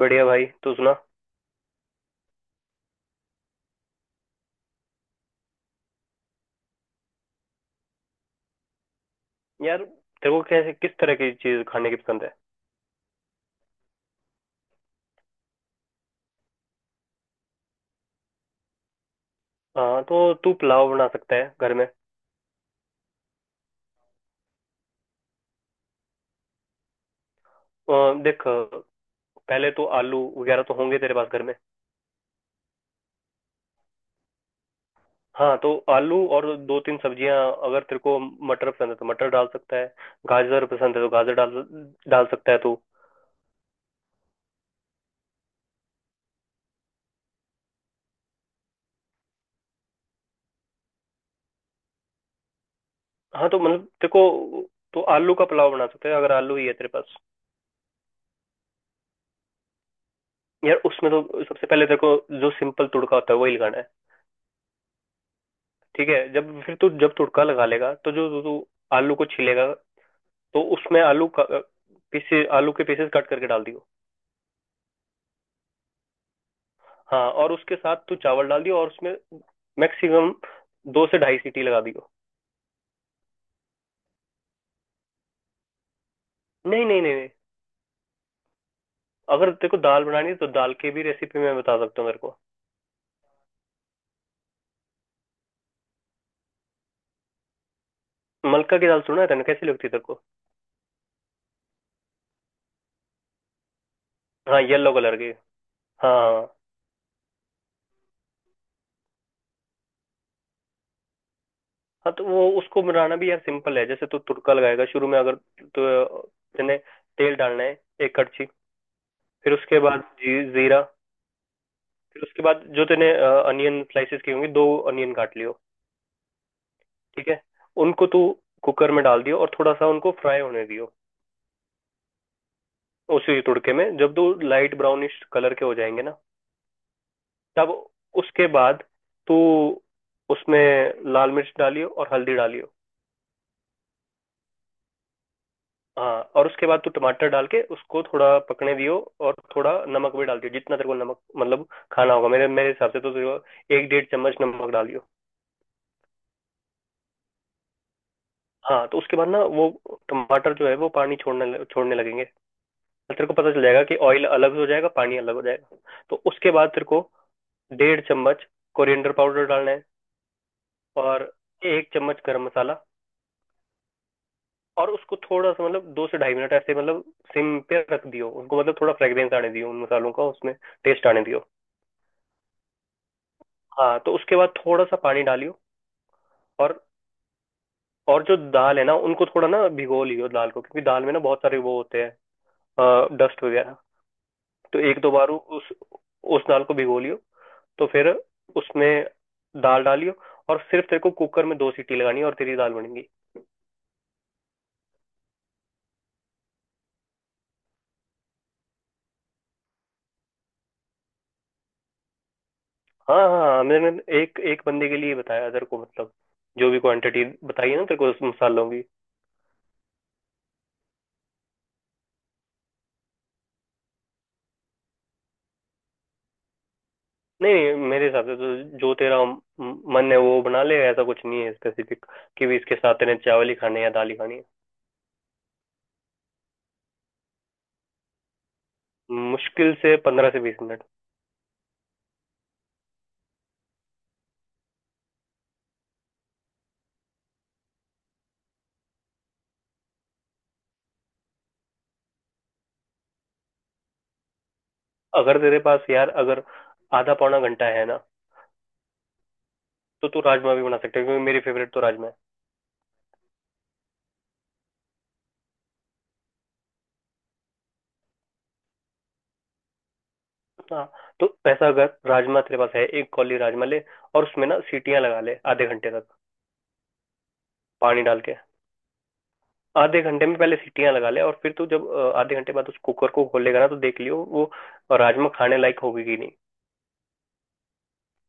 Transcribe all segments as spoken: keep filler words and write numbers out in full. बढ़िया भाई। तू सुना? यार तेरे को कैसे किस तरह की चीज खाने की पसंद है? हाँ तो तू पुलाव बना सकता है घर में। अ, देख पहले तो आलू वगैरह तो होंगे तेरे पास घर में। हाँ तो आलू और दो तीन सब्जियां। अगर तेरे को मटर पसंद है तो मटर डाल सकता है। गाजर पसंद है तो गाजर डाल डाल सकता है तू। हाँ तो मतलब तेरे को तो आलू का पुलाव बना सकते हैं अगर आलू ही है तेरे पास। यार उसमें तो सबसे पहले तेरे को जो सिंपल तुड़का होता है वही लगाना है। ठीक है, जब फिर तू जब तुड़का लगा लेगा तो जो तू आलू को छीलेगा तो उसमें आलू का पीसे आलू के पीसेस कट करके डाल दियो। हाँ और उसके साथ तू चावल डाल दियो और उसमें मैक्सिमम दो से ढाई सीटी लगा दियो। नहीं नहीं नहीं नहीं। अगर तेरे को दाल बनानी है तो दाल की भी रेसिपी मैं बता सकता हूँ। मेरे को मलका की दाल सुना है तेने? कैसी लगती है तेरे को? हाँ येलो कलर की। हाँ हाँ। हाँ तो वो उसको बनाना भी यार सिंपल है। जैसे तू तुड़का लगाएगा शुरू में, अगर तो तेने तेल डालना है एक कड़छी। फिर उसके बाद जी, जीरा। फिर उसके बाद जो तेने अनियन स्लाइसेस की होंगी, दो अनियन काट लियो। ठीक है, उनको तू कुकर में डाल दियो और थोड़ा सा उनको फ्राई होने दियो। उसी तुड़के में जब दो लाइट ब्राउनिश कलर के हो जाएंगे ना, तब उसके बाद तू उसमें लाल मिर्च डालियो और हल्दी डालियो। हाँ और उसके बाद तू टमाटर डाल के उसको थोड़ा पकने दियो। और थोड़ा नमक भी डाल दियो जितना तेरे को नमक मतलब खाना होगा। मेरे मेरे हिसाब से तो तेरे को एक डेढ़ चम्मच नमक डालियो। हाँ तो उसके बाद ना वो टमाटर जो है वो पानी छोड़ने छोड़ने लगेंगे। तो तेरे को पता चल जाएगा कि ऑयल अलग हो जाएगा पानी अलग हो जाएगा। तो उसके बाद तेरे को डेढ़ चम्मच कोरिएंडर पाउडर डालना है और एक चम्मच गरम मसाला। और उसको थोड़ा सा मतलब दो से ढाई मिनट ऐसे मतलब सिम पे रख दियो उनको, मतलब थोड़ा फ्रेग्रेंस आने दियो उन मसालों का, उसमें टेस्ट आने दियो। हाँ तो उसके बाद थोड़ा सा पानी डालियो और और जो दाल है ना उनको थोड़ा ना भिगो लियो दाल को, क्योंकि दाल में ना बहुत सारे वो होते हैं, डस्ट वगैरह। तो एक दो बार उस उस दाल को भिगो लियो। तो फिर उसमें दाल डालियो और सिर्फ तेरे को कुकर में दो सीटी लगानी है और तेरी दाल बनेगी। हाँ हाँ हाँ, मैंने एक एक बंदे के लिए बताया तेरे को मतलब। जो भी क्वांटिटी बताई है ना तेरे को उस मसालों की। नहीं नहीं, मेरे हिसाब से तो जो तेरा म- मन है वो बना ले, ऐसा कुछ नहीं है स्पेसिफिक कि भी इसके साथ तेरे चावल ही खाने हैं या दाल ही खानी है। मुश्किल से पंद्रह से बीस मिनट। अगर तेरे पास यार अगर आधा पौना घंटा है ना तो तू राजमा भी बना सकते है, क्योंकि मेरी फेवरेट तो राजमा है। हाँ तो ऐसा अगर राजमा तेरे पास है, एक कौली राजमा ले। और उसमें ना सीटियां लगा ले आधे घंटे तक, पानी डाल के। आधे घंटे में पहले सीटियां लगा ले और फिर तू जब अ, आधे घंटे बाद उस कुकर को खोलेगा ना तो देख लियो वो राजमा खाने लायक होगी कि नहीं।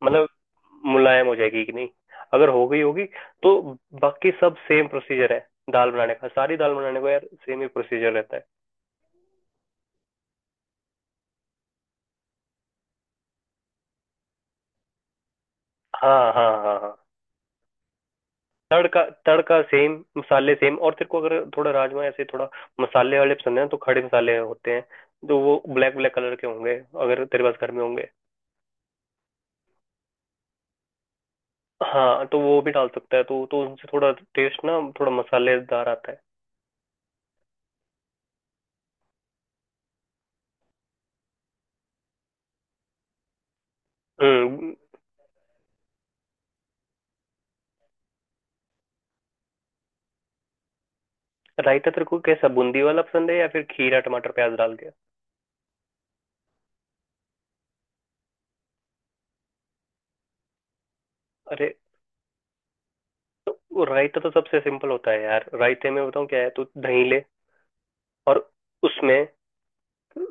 मतलब मुलायम हो जाएगी कि नहीं। अगर हो गई होगी तो बाकी सब सेम प्रोसीजर है। दाल बनाने का, सारी दाल बनाने का यार सेम ही प्रोसीजर रहता है। हाँ हाँ हाँ हाँ। तड़का तड़का सेम, मसाले सेम। और तेरे को अगर थोड़ा राजमा ऐसे थोड़ा मसाले वाले पसंद है तो खड़े मसाले होते हैं। तो वो ब्लैक ब्लैक कलर के होंगे, अगर तेरे पास घर में होंगे। हाँ तो वो भी डाल सकता है तो तो उनसे थोड़ा टेस्ट ना थोड़ा मसालेदार आता है। हम्म। रायता तेरे को कैसा बूंदी वाला पसंद है या फिर खीरा टमाटर प्याज डाल के? अरे तो वो रायता तो सबसे सिंपल होता है यार। रायते में बताऊँ क्या है तो दही ले और उसमें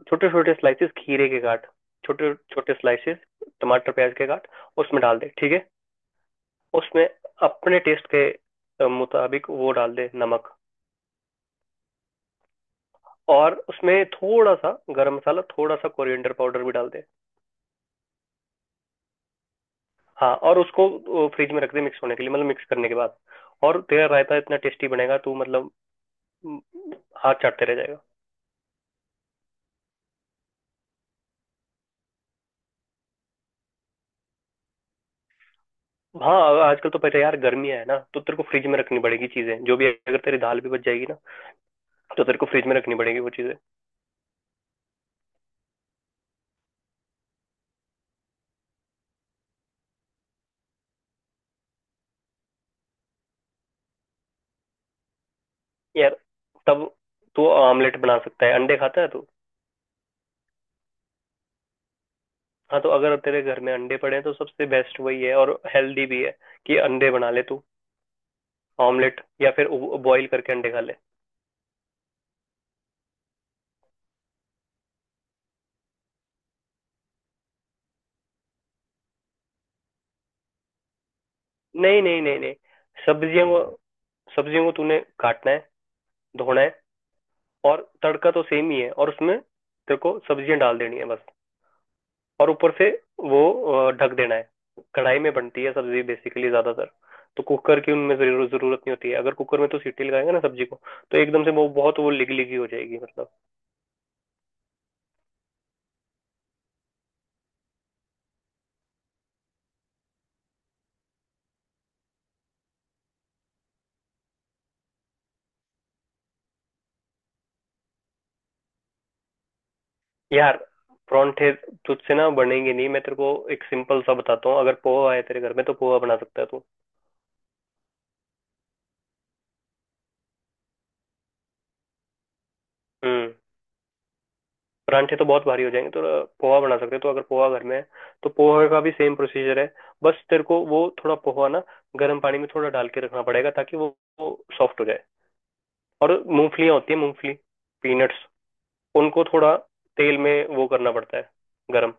छोटे छोटे स्लाइसेस खीरे के काट। छोटे छोटे स्लाइसेस टमाटर प्याज के काट। उसमें डाल दे, ठीक है। उसमें अपने टेस्ट के अ, मुताबिक वो डाल दे, नमक। और उसमें थोड़ा सा गरम मसाला, थोड़ा सा कोरिएंडर पाउडर भी डाल दे। हाँ और उसको फ्रिज में रख दे मिक्स होने के लिए, मतलब मिक्स करने के बाद। और तेरा रायता इतना टेस्टी बनेगा तू मतलब म, हाथ चाटते रह जाएगा। हाँ आजकल तो पता है यार गर्मियाँ है ना तो तेरे को फ्रिज में रखनी पड़ेगी चीजें जो भी। अगर तेरी दाल भी बच जाएगी ना तो तेरे को फ्रिज में रखनी पड़ेगी वो चीजें। यार तब तू ऑमलेट बना सकता है। अंडे खाता है तू? हाँ तो अगर तेरे घर में अंडे पड़े हैं तो सबसे बेस्ट वही है और हेल्दी भी है कि अंडे बना ले तू, ऑमलेट, या फिर बॉईल करके अंडे खा ले। नहीं नहीं नहीं नहीं। सब्जियों को, सब्जियों को तूने काटना है, धोना है, और तड़का तो सेम ही है, और उसमें तेरे को सब्जियां डाल देनी है बस। और ऊपर से वो अ, ढक देना है। कढ़ाई में बनती है सब्जी बेसिकली, ज्यादातर। तो कुकर की उनमें जरूर जरूरत नहीं होती है। अगर कुकर में तो सीटी लगाएंगे ना सब्जी को तो एकदम से वो बहुत वो लिग लिगी हो जाएगी मतलब। यार परांठे तुझसे ना बनेंगे नहीं। मैं तेरे को एक सिंपल सा बताता हूँ, अगर पोहा है तेरे घर में तो पोहा बना सकता है तू। हम्म। परांठे तो बहुत भारी हो जाएंगे तो पोहा बना सकते हैं। तो अगर पोहा घर में है तो पोहा का भी सेम प्रोसीजर है। बस तेरे को वो थोड़ा पोहा ना गर्म पानी में थोड़ा डाल के रखना पड़ेगा ताकि वो सॉफ्ट हो जाए। और मूंगफलियां होती है, मूंगफली, पीनट्स, उनको थोड़ा तेल में वो करना पड़ता है, गरम।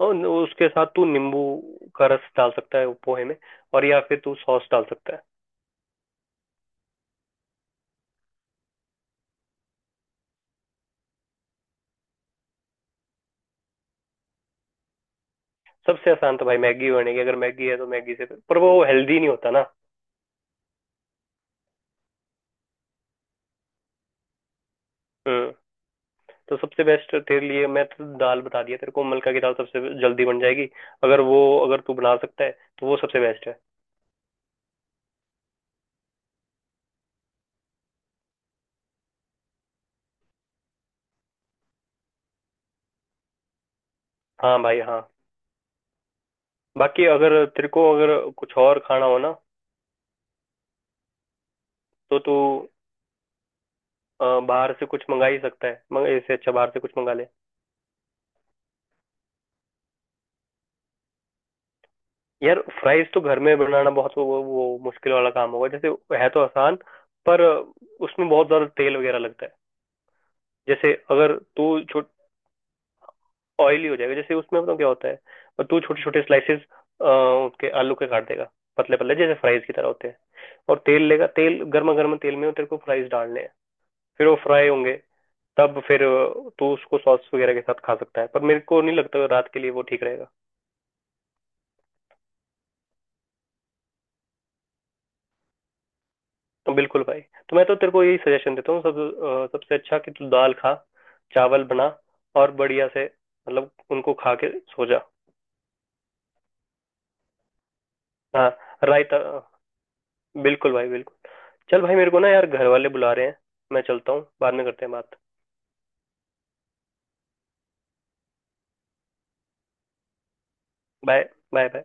और न- उसके साथ तू नींबू का रस डाल सकता है पोहे में, और या फिर तू सॉस डाल सकता है। सबसे आसान तो भाई मैगी बनेगी, अगर मैगी है तो मैगी से, पर वो हेल्दी नहीं होता ना। हम्म। तो सबसे बेस्ट तेरे लिए मैं तो दाल बता दिया तेरे को, मलका की दाल सबसे जल्दी बन जाएगी। अगर वो, अगर तू बना सकता है तो वो सबसे बेस्ट है। हाँ भाई हाँ। बाकी अगर तेरे को अगर कुछ और खाना हो ना तो तू अ, बाहर से कुछ मंगा ही सकता है। मग इससे अच्छा बाहर से कुछ मंगा ले। यार फ्राइज तो घर में बनाना बहुत वो, वो मुश्किल वाला काम होगा। जैसे है तो आसान, पर उसमें बहुत ज्यादा तेल वगैरह लगता है। जैसे अगर तू छोट ऑयली हो जाएगा, जैसे उसमें बताऊँ क्या होता है, और तू छोटे छोटे स्लाइसेस उसके आलू के काट देगा पतले पतले जैसे फ्राइज की तरह होते हैं। और तेल लेगा, तेल गर्मा गर्म तेल में वो तेरे को फ्राइज डालने हैं, फिर वो फ्राई होंगे। तब फिर अ, तू उसको सॉस वगैरह के साथ खा सकता है, पर मेरे को नहीं लगता रात के लिए वो ठीक रहेगा। बिल्कुल भाई। तो मैं तो तेरे को यही सजेशन देता हूँ, सब अ, सबसे अच्छा कि तू दाल खा, चावल बना, और बढ़िया से मतलब उनको खा के सो जा। हाँ। रायता बिल्कुल भाई, बिल्कुल। चल भाई, मेरे को ना यार घर वाले बुला रहे हैं, मैं चलता हूँ, बाद में करते हैं बात। बाय। Bye bye.